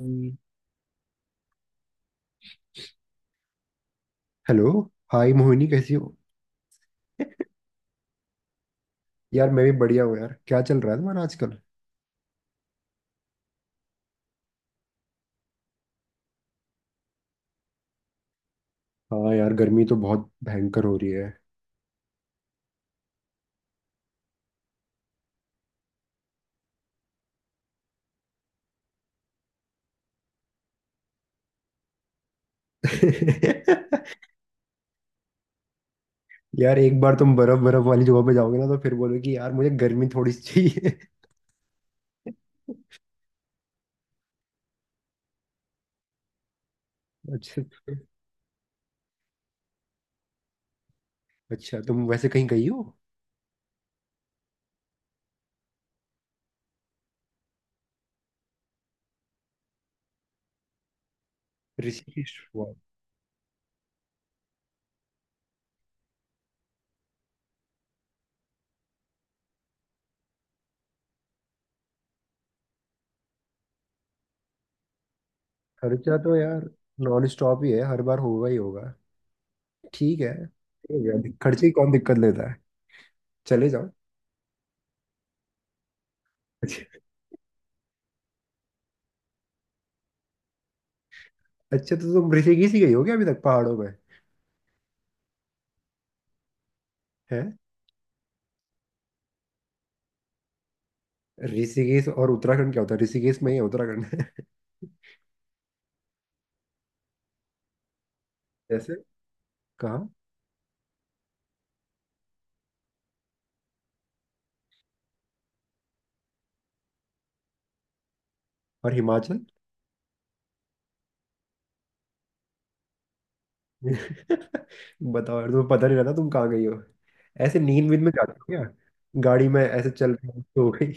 हम्म। Hello. Hi Mohini, कैसी हो? यार, मैं भी बढ़िया हूँ। यार, क्या चल रहा है तुम्हारा आजकल? हाँ यार, गर्मी तो बहुत भयंकर हो रही है। यार, एक बार तुम बर्फ बर्फ वाली जगह पे जाओगे ना, तो फिर बोलोगे कि यार मुझे गर्मी थोड़ी सी चाहिए। अच्छा। अच्छा, तुम वैसे कहीं गई हो? ऋषिकेश, वाह। खर्चा तो यार नॉन स्टॉप ही है, हर बार होगा ही होगा। ठीक है। हो गया, खर्चे की कौन दिक्कत लेता है। चले जाओ। अच्छा, तो तुम ऋषिकेश ही गई हो क्या, अभी तक पहाड़ों में? है। ऋषिकेश और उत्तराखंड क्या होता है? ऋषिकेश में ही है उत्तराखंड है। जैसे? कहाँ? और हिमाचल? बताओ यार, तुम्हें पता नहीं रहता तुम कहाँ गई हो। ऐसे नींद वींद में जाती हो क्या? गाड़ी में ऐसे चल रही हो गई?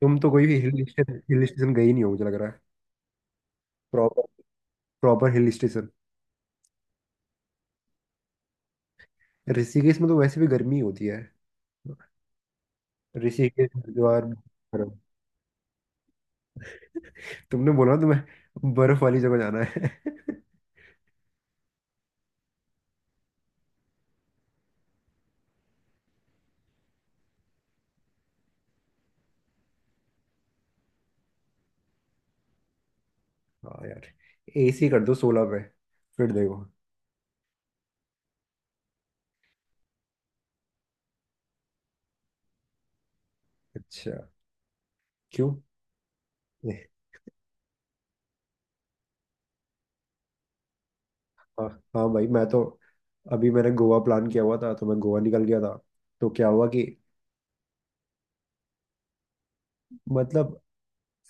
तुम तो कोई भी हिल स्टेशन गई नहीं हो, मुझे लग रहा है। Proper. Proper hill station. Rishikesh में तो वैसे भी गर्मी होती है, ऋषिकेश हरिद्वार। बर्फ। तुमने बोला ना, तुम्हें बर्फ वाली जगह जाना है। हाँ यार। एसी कर दो 16 पे, फिर देखो। अच्छा। क्यों? नहीं। हाँ। हाँ भाई, मैं तो अभी मैंने गोवा प्लान किया हुआ था, तो मैं गोवा निकल गया था। तो क्या हुआ कि, मतलब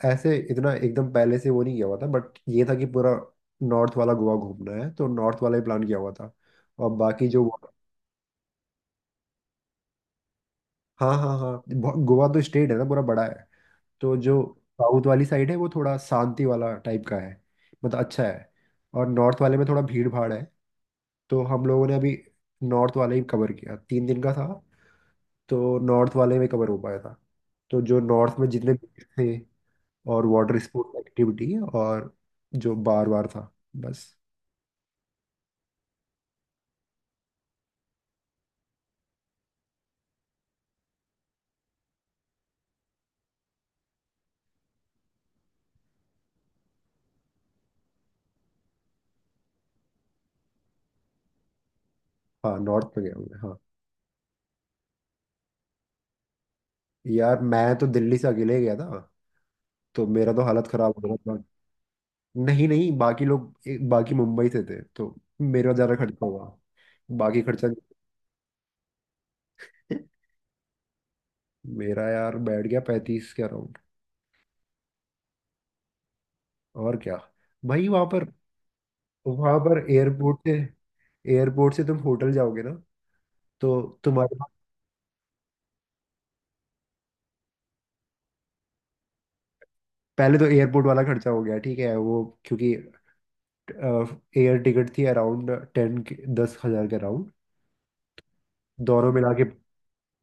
ऐसे इतना एकदम पहले से वो नहीं किया हुआ था, बट ये था कि पूरा नॉर्थ वाला गोवा घूमना है, तो नॉर्थ वाला ही प्लान किया हुआ था। और बाकी जो। हाँ हाँ हाँ। गोवा तो स्टेट है ना, पूरा बड़ा है। तो जो साउथ वाली साइड है वो थोड़ा शांति वाला टाइप का है, मतलब अच्छा है। और नॉर्थ वाले में थोड़ा भीड़ भाड़ है। तो हम लोगों ने अभी नॉर्थ वाला ही कवर किया, 3 दिन का था। तो नॉर्थ वाले में कवर हो पाया था। तो जो नॉर्थ में जितने beach थे, और वाटर स्पोर्ट्स एक्टिविटी, और जो बार बार था, बस। हाँ, नॉर्थ में गया हूँ मैं, हाँ। यार, मैं तो दिल्ली से अकेले गया था, तो मेरा तो हालत खराब हो गया था। नहीं नहीं, बाकी लोग बाकी मुंबई से थे, तो मेरा ज़्यादा खर्चा हुआ। बाकी खर्चा। नहीं। मेरा यार बैठ गया 35 के अराउंड। और क्या। भाई वहां पर। वहां पर एयरपोर्ट से। एयरपोर्ट से तुम होटल जाओगे ना, तो तुम्हारे। पहले तो एयरपोर्ट वाला खर्चा हो गया, ठीक है वो, क्योंकि एयर टिकट थी अराउंड 10 के। 10,000 के अराउंड। दोनों मिला के।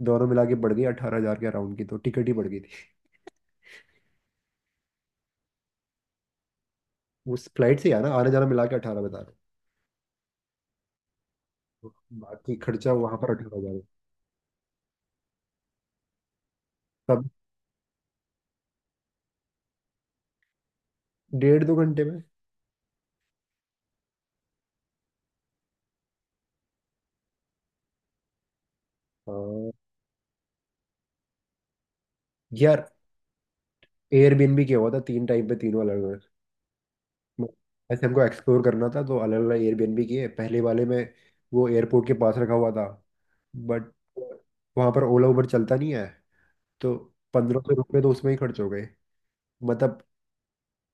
दोनों मिला के बढ़ गई 18,000 के अराउंड की, तो टिकट ही बढ़ गई थी। उस फ्लाइट से आना आने जाना मिला के 18 बता रहे हो। बाकी खर्चा वहां पर, 18,000। सब। 1.5-2 घंटे में। हाँ। यार, एयरबीएनबी किया हुआ था 3 टाइम पे, तीनों अलग अलग। ऐसे हमको एक्सप्लोर करना था, तो अलग अलग एयरबीएनबी किए। पहले वाले में वो एयरपोर्ट के पास रखा हुआ था, बट वहां पर ओला उबर चलता नहीं है, तो 1500 रुपये तो उसमें ही खर्च हो गए। मतलब,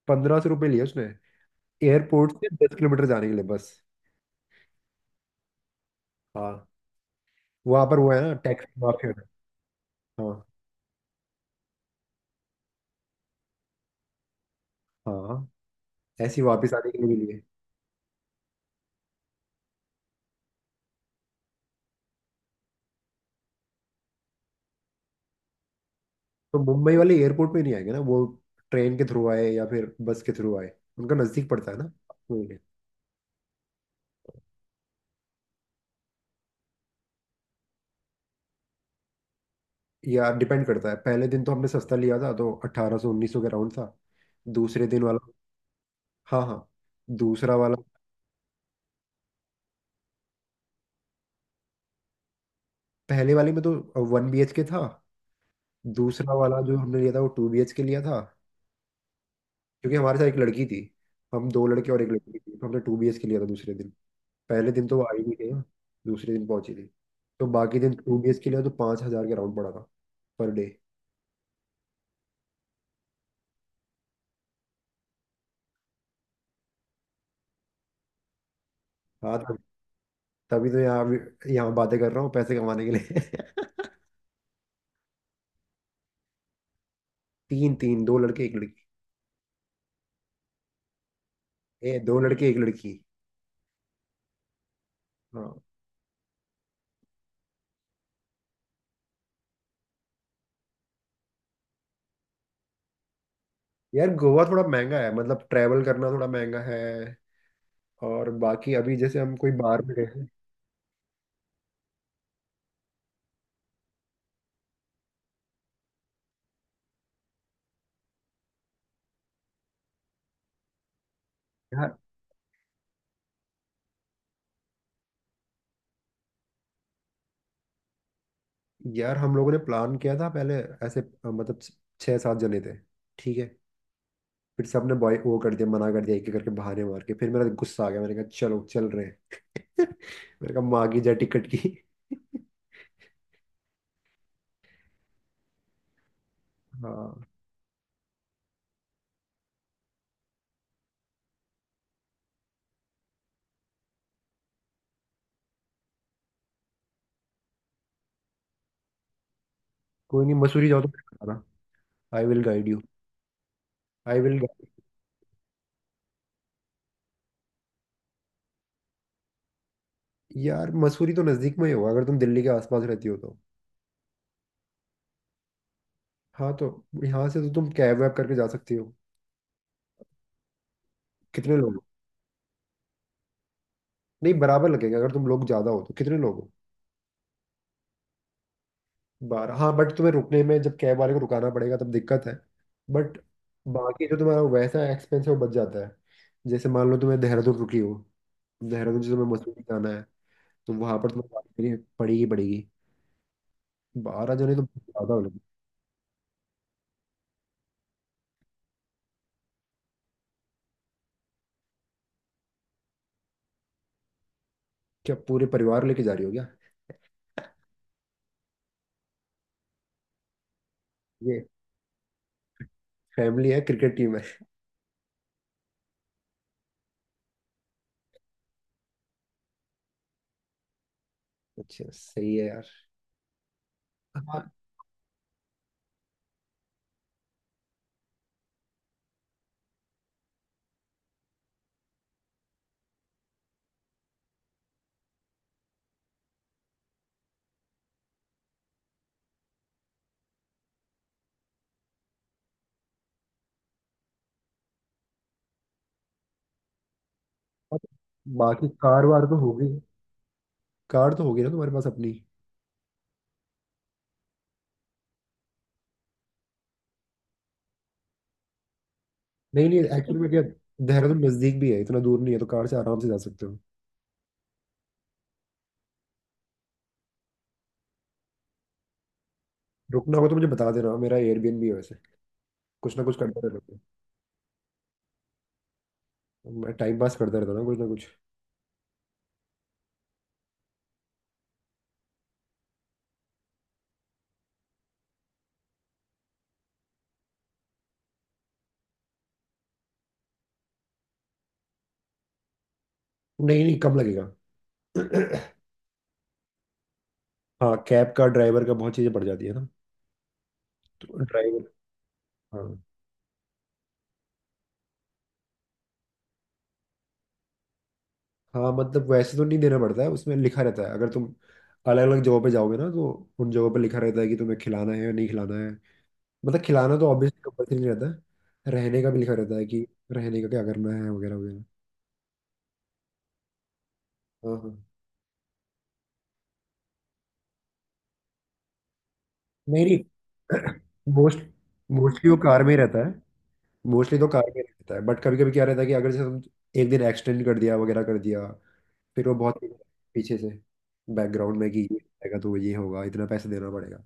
1500 रुपये लिए उसने एयरपोर्ट से 10 किलोमीटर जाने के लिए, बस। हाँ, वहाँ पर वो है ना, टैक्सी माफिया है। हाँ। हाँ, ऐसी वापस आने के लिए भी लिए। तो मुंबई वाले एयरपोर्ट पे नहीं आएंगे ना, वो ट्रेन के थ्रू आए या फिर बस के थ्रू आए, उनका नज़दीक पड़ता है ना। वही है। या, डिपेंड करता है, पहले दिन तो हमने सस्ता लिया था तो 1800-1900 के राउंड था। दूसरे दिन वाला। हाँ हाँ, दूसरा वाला। पहले वाले में तो 1 BHK था। दूसरा वाला जो हमने लिया था वो 2 BHK लिया था। क्योंकि हमारे साथ एक लड़की थी, हम दो लड़के और एक लड़की थी, तो हमने 2 BHK लिया था दूसरे दिन। पहले दिन तो वो आई नहीं थी ना, दूसरे दिन पहुंची थी। तो बाकी दिन 2 BHK लिया, तो 5,000 के राउंड पड़ा था, पर डे। हाँ। तभी तो यहाँ बातें कर रहा हूँ, पैसे कमाने के लिए। तीन तीन, दो लड़के एक लड़की। ए, दो लड़के एक लड़की। हाँ यार, गोवा थोड़ा महंगा है, मतलब ट्रैवल करना थोड़ा महंगा है। और बाकी अभी जैसे हम कोई बाहर में गए। हैं। यार, हम लोगों ने प्लान किया था पहले, ऐसे मतलब छः सात जने थे, ठीक है। फिर सबने बॉय वो कर दिया, मना कर दिया एक एक करके बहाने मार के, फिर मेरा गुस्सा आ गया मैंने कहा चलो चल रहे हैं। मैंने कहा मांगी जा टिकट की। हाँ। कोई नहीं, मसूरी जाओ तो मुझे बताना। I will guide you. I will. यार, मसूरी तो नज़दीक में ही होगा अगर तुम दिल्ली के आसपास रहती हो तो। हाँ, तो यहाँ से तो तुम कैब वैब करके जा सकती हो। कितने लोग हो? नहीं, बराबर लगेगा अगर तुम लोग ज़्यादा हो तो। कितने लोग? 12। हाँ, बट तुम्हें रुकने में जब कैब वाले को रुकाना पड़ेगा तब दिक्कत है, बट बाकी जो तुम्हारा वैसा एक्सपेंस है वो बच जाता है। जैसे मान लो तुम्हें देहरादून रुकी हो, देहरादून से तुम्हें मसूरी जाना है, तो वहां पर तुम्हें गाड़ी लेनी पड़ेगी पड़ेगी। 12 जने तो बहुत ज्यादा हो लगे। क्या पूरे परिवार लेके जा रही हो क्या? ये फैमिली है क्रिकेट टीम है। अच्छा, सही है यार। हाँ। और बाकी कार वार तो होगी। कार तो होगी ना तुम्हारे पास अपनी। नहीं नहीं, एक्चुअली में क्या। देहरादून नजदीक भी है, इतना दूर नहीं है, तो कार से आराम से जा सकते हो। रुकना होगा तो मुझे बता देना, मेरा एयरबीएनबी है वैसे, कुछ ना कुछ करते रहता हूँ। मैं टाइम पास करता रहता हूँ ना, कुछ ना कुछ। नहीं नहीं, कम लगेगा। हाँ, कैब का ड्राइवर का बहुत चीज़ें पड़ जाती है ना, तो ड्राइवर। हाँ हाँ, मतलब वैसे तो नहीं देना पड़ता है, उसमें लिखा रहता है अगर तुम अलग अलग जगहों पे जाओगे ना तो। उन जगहों पे लिखा रहता है कि तुम्हें खिलाना है या नहीं खिलाना है। मतलब, खिलाना तो ऑब्वियसली कंपल्सरी नहीं रहता है। रहने का भी लिखा रहता है कि रहने का क्या करना है वगैरह वगैरह। हाँ हाँ। नहीं नहीं। मोस्ट मोस्टली वो कार में ही रहता है। मोस्टली तो कार में रहता है, बट कभी कभी क्या रहता है कि अगर जैसे हम एक दिन एक्सटेंड कर दिया वगैरह कर दिया, फिर वो बहुत पीछे से बैकग्राउंड में कि ये आएगा तो ये होगा, इतना पैसे देना पड़ेगा।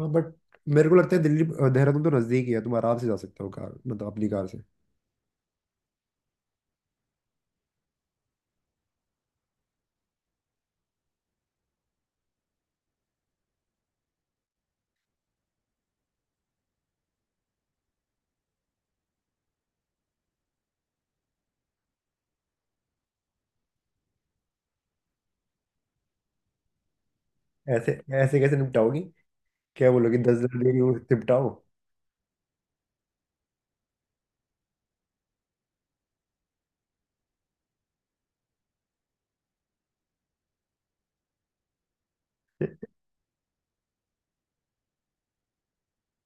हाँ बट मेरे को लगता है दिल्ली देहरादून तो नज़दीक ही है, तुम आराम से जा सकते हो कार, मतलब अपनी कार से। ऐसे ऐसे कैसे निपटाओगी? क्या बोलोगी 10,000 लेके वो निपटाओ?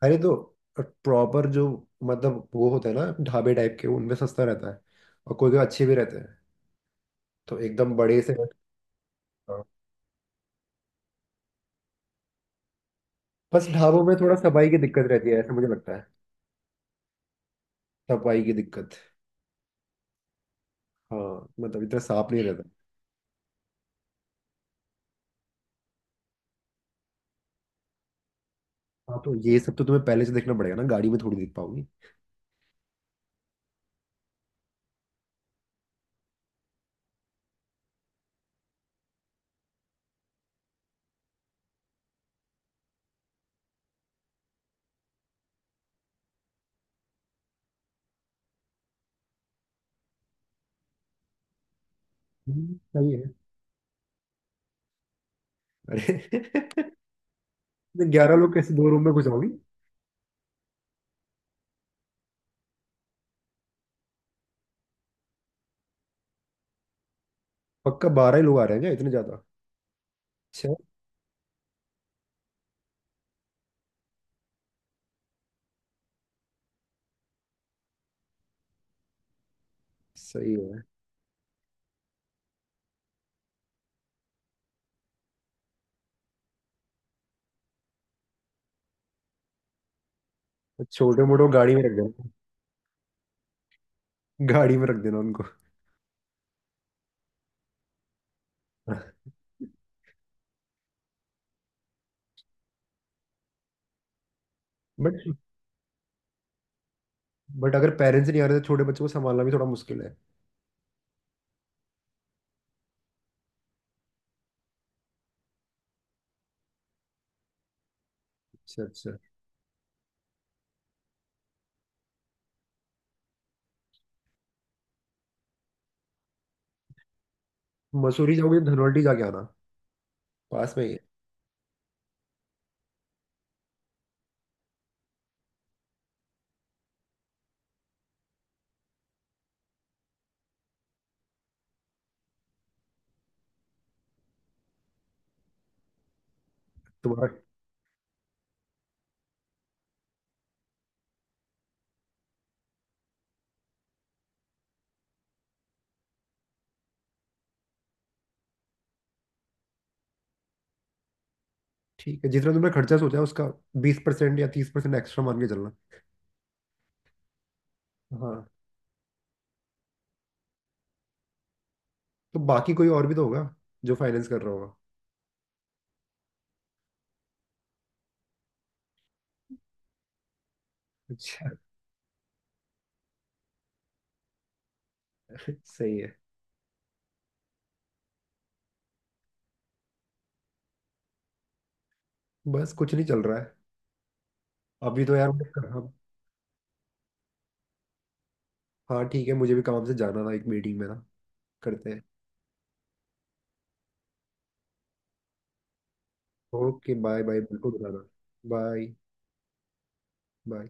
अरे तो प्रॉपर जो, मतलब वो होता है ना, ढाबे टाइप के उनमें सस्ता रहता है, और कोई कोई अच्छे भी रहते हैं, तो एकदम बड़े से। बस ढाबों में थोड़ा सफाई की दिक्कत रहती है, ऐसा मुझे लगता है। सफाई की दिक्कत। हाँ, मतलब इतना साफ नहीं रहता। हाँ, तो ये सब तो तुम्हें पहले से देखना पड़ेगा ना, गाड़ी में थोड़ी देख पाओगी। सही है। अरे। 11 लोग कैसे दो रूम में घुस आओगी? पक्का 12 ही लोग आ रहे हैं क्या, इतने ज्यादा? अच्छा, सही है। तो छोटे मोटे को गाड़ी में रख देना। गाड़ी में रख देना उनको। बट बट अगर पेरेंट्स नहीं आ रहे तो छोटे बच्चों को संभालना भी थोड़ा मुश्किल है। अच्छा अच्छा। मसूरी जाओगे तो धनवल्टी जाके आना, पास में ही है। तुम्हारा? ठीक है, जितना तुमने खर्चा सोचा है, उसका 20% या 30% एक्स्ट्रा मान के चलना। हाँ। तो बाकी कोई और भी तो होगा जो फाइनेंस कर रहा होगा। अच्छा। सही है। बस कुछ नहीं चल रहा है, अभी तो यार मुझे काम। हाँ ठीक है, मुझे भी काम से जाना था एक मीटिंग में ना, करते हैं। ओके बाय बाय, बिल्कुल बताना। Bye bye.